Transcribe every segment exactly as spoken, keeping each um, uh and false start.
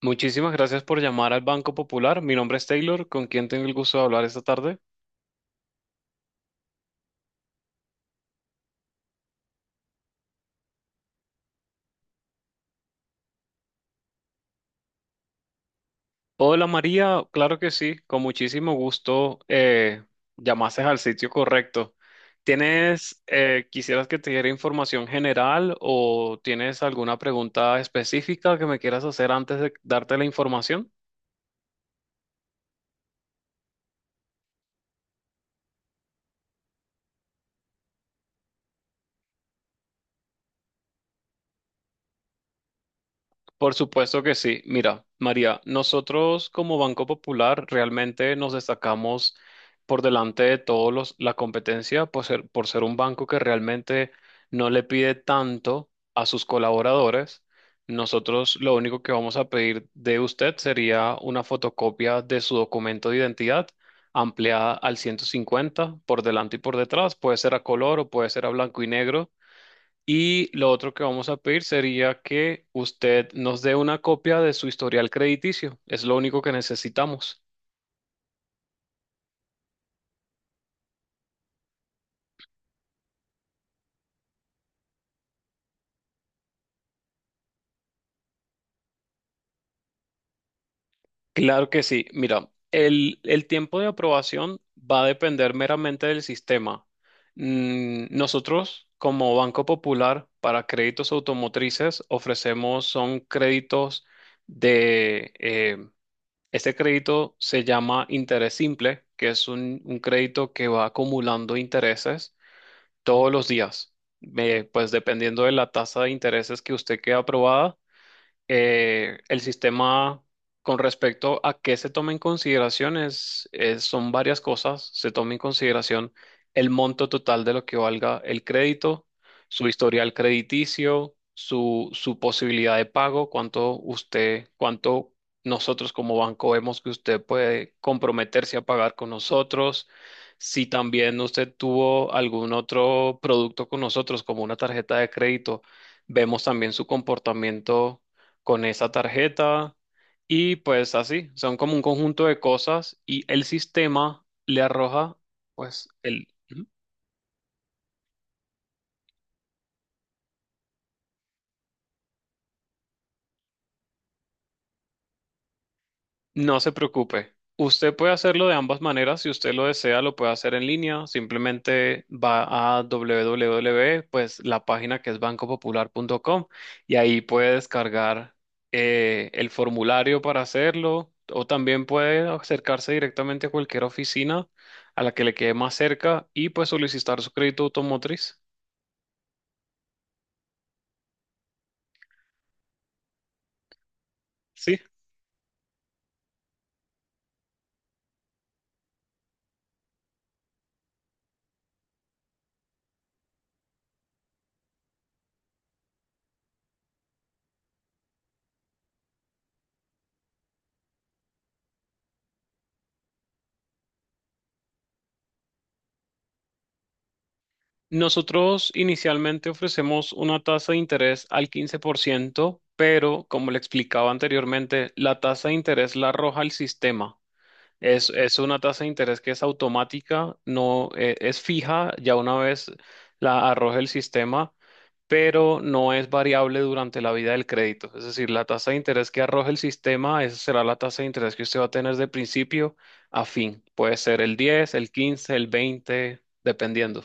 Muchísimas gracias por llamar al Banco Popular. Mi nombre es Taylor, con quien tengo el gusto de hablar esta tarde. Hola María, claro que sí, con muchísimo gusto, eh, llamaste al sitio correcto. ¿Tienes, eh, Quisieras que te diera información general o tienes alguna pregunta específica que me quieras hacer antes de darte la información? Por supuesto que sí. Mira, María, nosotros como Banco Popular realmente nos destacamos por delante de todos los, la competencia por ser, por ser un banco que realmente no le pide tanto a sus colaboradores. Nosotros lo único que vamos a pedir de usted sería una fotocopia de su documento de identidad ampliada al ciento cincuenta por delante y por detrás. Puede ser a color o puede ser a blanco y negro. Y lo otro que vamos a pedir sería que usted nos dé una copia de su historial crediticio. Es lo único que necesitamos. Claro que sí. Mira, el, el tiempo de aprobación va a depender meramente del sistema. Mm, Nosotros, como Banco Popular, para créditos automotrices ofrecemos son créditos de... eh, este crédito se llama interés simple, que es un un crédito que va acumulando intereses todos los días. Me- pues dependiendo de la tasa de intereses que usted quede aprobada, eh, el sistema, con respecto a qué se toma en consideración es, es- son varias cosas. Se toma en consideración el monto total de lo que valga el crédito, su historial crediticio, su, su posibilidad de pago, cuánto usted, cuánto nosotros como banco vemos que usted puede comprometerse a pagar con nosotros. Si también usted tuvo algún otro producto con nosotros, como una tarjeta de crédito, vemos también su comportamiento con esa tarjeta y pues así, son como un conjunto de cosas y el sistema le arroja pues el... No se preocupe. Usted puede hacerlo de ambas maneras. Si usted lo desea, lo puede hacer en línea. Simplemente va a www, pues la página que es banco popular punto com y ahí puede descargar eh, el formulario para hacerlo o también puede acercarse directamente a cualquier oficina a la que le quede más cerca y pues solicitar su crédito automotriz. Sí. Nosotros inicialmente ofrecemos una tasa de interés al quince por ciento, pero como le explicaba anteriormente, la tasa de interés la arroja el sistema. Es, es una tasa de interés que es automática, no eh, es fija, ya una vez la arroja el sistema, pero no es variable durante la vida del crédito. Es decir, la tasa de interés que arroja el sistema, esa será la tasa de interés que usted va a tener de principio a fin. Puede ser el diez, el quince, el veinte, dependiendo.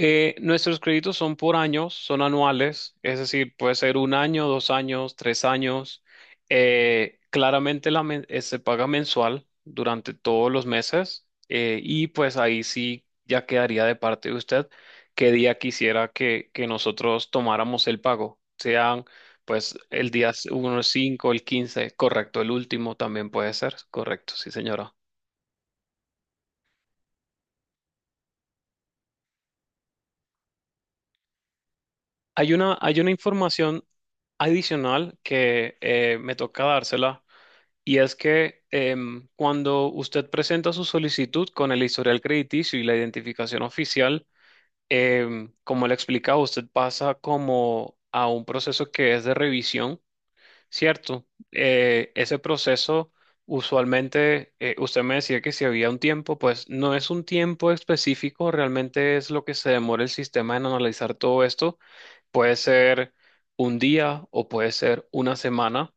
Eh, nuestros créditos son por años, son anuales, es decir, puede ser un año, dos años, tres años. Eh, claramente la men- eh, se paga mensual durante todos los meses, eh, y pues ahí sí ya quedaría de parte de usted qué día quisiera que, que nosotros tomáramos el pago. Sean pues el día uno cinco, el quince, correcto, el último también puede ser, correcto, sí señora. Hay una, hay una información adicional que eh, me toca dársela y es que em, cuando usted presenta su solicitud con el historial crediticio y la identificación oficial, em, como le explicaba, usted pasa como a un proceso que es de revisión. Cierto, eh, ese proceso usualmente, eh, usted me decía que si había un tiempo, pues no es un tiempo específico, realmente es lo que se demora el sistema en analizar todo esto. Puede ser un día o puede ser una semana,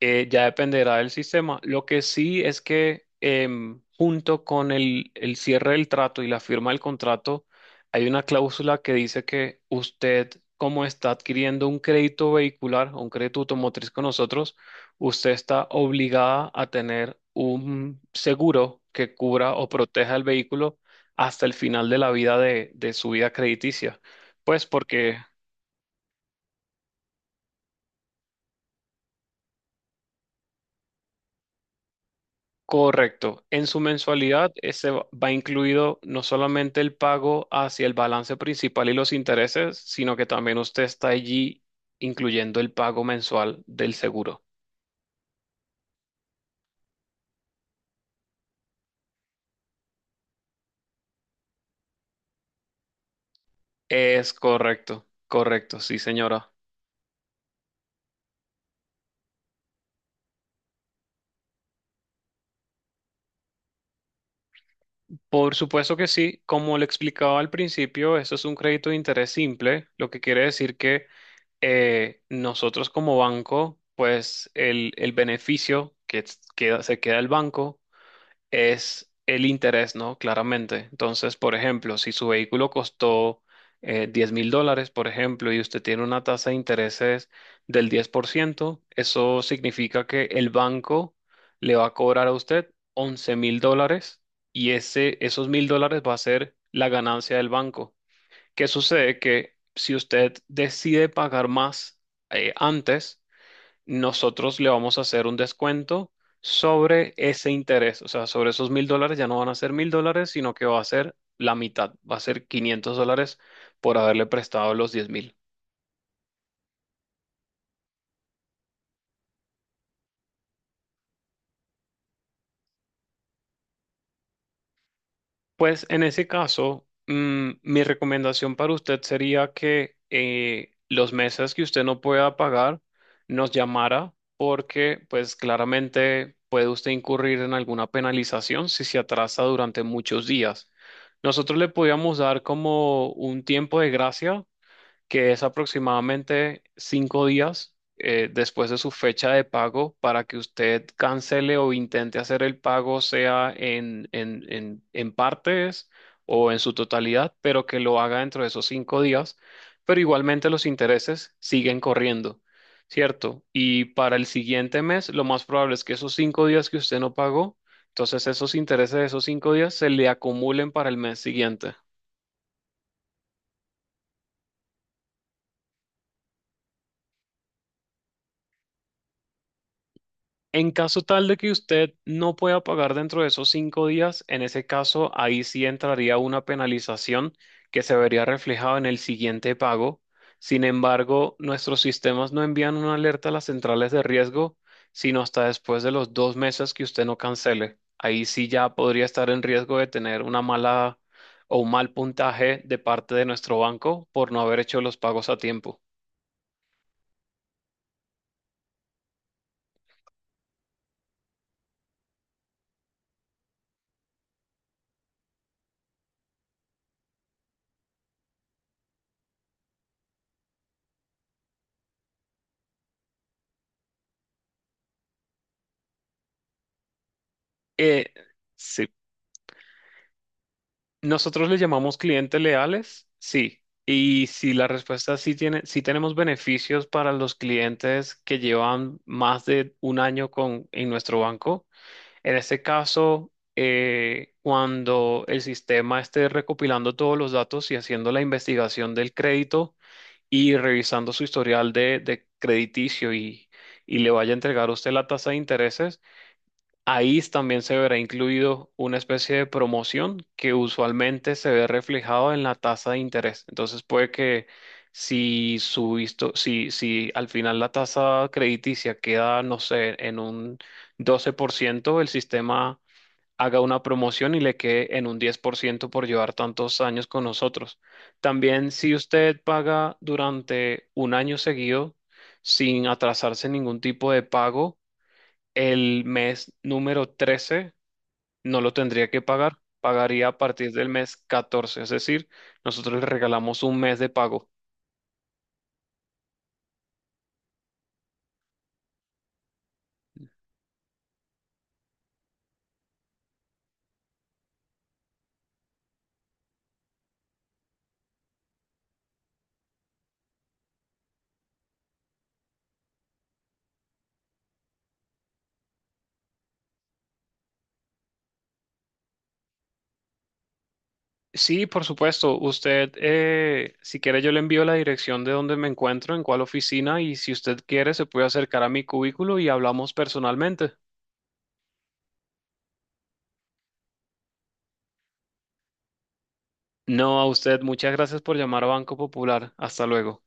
eh, ya dependerá del sistema. Lo que sí es que, em, junto con el, el cierre del trato y la firma del contrato, hay una cláusula que dice que usted, como está adquiriendo un crédito vehicular o un crédito automotriz con nosotros, usted está obligada a tener un seguro que cubra o proteja el vehículo hasta el final de la vida de, de su vida crediticia. Pues porque correcto. En su mensualidad ese va va incluido no solamente el pago hacia el balance principal y los intereses, sino que también usted está allí incluyendo el pago mensual del seguro. Es correcto, correcto, sí, señora. Por supuesto que sí, como le explicaba al principio, esto es un crédito de interés simple, lo que quiere decir que eh, nosotros como banco, pues el, el beneficio que, es- que se queda el banco es el interés, ¿no? Claramente. Entonces, por ejemplo, si su vehículo costó eh, diez mil dólares, por ejemplo, y usted tiene una tasa de intereses del diez por ciento, eso significa que el banco le va a cobrar a usted once mil dólares y ese, esos mil dólares va a ser la ganancia del banco. ¿Qué sucede? Que si usted decide pagar más, eh, antes, nosotros le vamos a hacer un descuento sobre ese interés. O sea, sobre esos mil dólares ya no van a ser mil dólares, sino que va a ser la mitad, va a ser quinientos dólares por haberle prestado los diez mil. Pues en ese caso, mm, mi recomendación para usted sería que, eh, los meses que usted no pueda pagar, nos llamara porque pues claramente puede usted incurrir en alguna penalización si se atrasa durante muchos días. Nosotros le podíamos dar como un tiempo de gracia que es aproximadamente cinco días eh, después de su fecha de pago para que usted cancele o intente hacer el pago, sea en, en, en, en partes o en su totalidad, pero que lo haga dentro de esos cinco días. Pero igualmente los intereses siguen corriendo, ¿cierto? Y para el siguiente mes, lo más probable es que esos cinco días que usted no pagó, entonces esos intereses de esos cinco días se le acumulen para el mes siguiente. En caso tal de que usted no pueda pagar dentro de esos cinco días, en ese caso ahí sí entraría una penalización que se vería reflejada en el siguiente pago. Sin embargo, nuestros sistemas no envían una alerta a las centrales de riesgo, sino hasta después de los dos meses que usted no cancele. Ahí sí ya podría estar en riesgo de tener una mala o un mal puntaje de parte de nuestro banco por no haber hecho los pagos a tiempo. Eh, sí. Nosotros le llamamos clientes leales, sí. Y si la respuesta es sí tiene, sí tenemos beneficios para los clientes que llevan más de un año con, en nuestro banco. En este caso, eh, cuando el sistema esté recopilando todos los datos y haciendo la investigación del crédito y revisando su historial de, de crediticio y, y le vaya a entregar a usted la tasa de intereses, ahí también se verá incluido una especie de promoción que usualmente se ve reflejado en la tasa de interés. Entonces puede que si subiste, si, si al final la tasa crediticia queda, no sé, en un doce por ciento, el sistema haga una promoción y le quede en un diez por ciento por llevar tantos años con nosotros. También si usted paga durante un año seguido sin atrasarse en ningún tipo de pago, el mes número trece no lo tendría que pagar, pagaría a partir del mes catorce. Es decir, nosotros le regalamos un mes de pago. Sí, por supuesto, usted, eh, si quiere, yo le envío la dirección de donde me encuentro, en cuál oficina, y si usted quiere, se puede acercar a mi cubículo y hablamos personalmente. No, a usted, muchas gracias por llamar a Banco Popular. Hasta luego.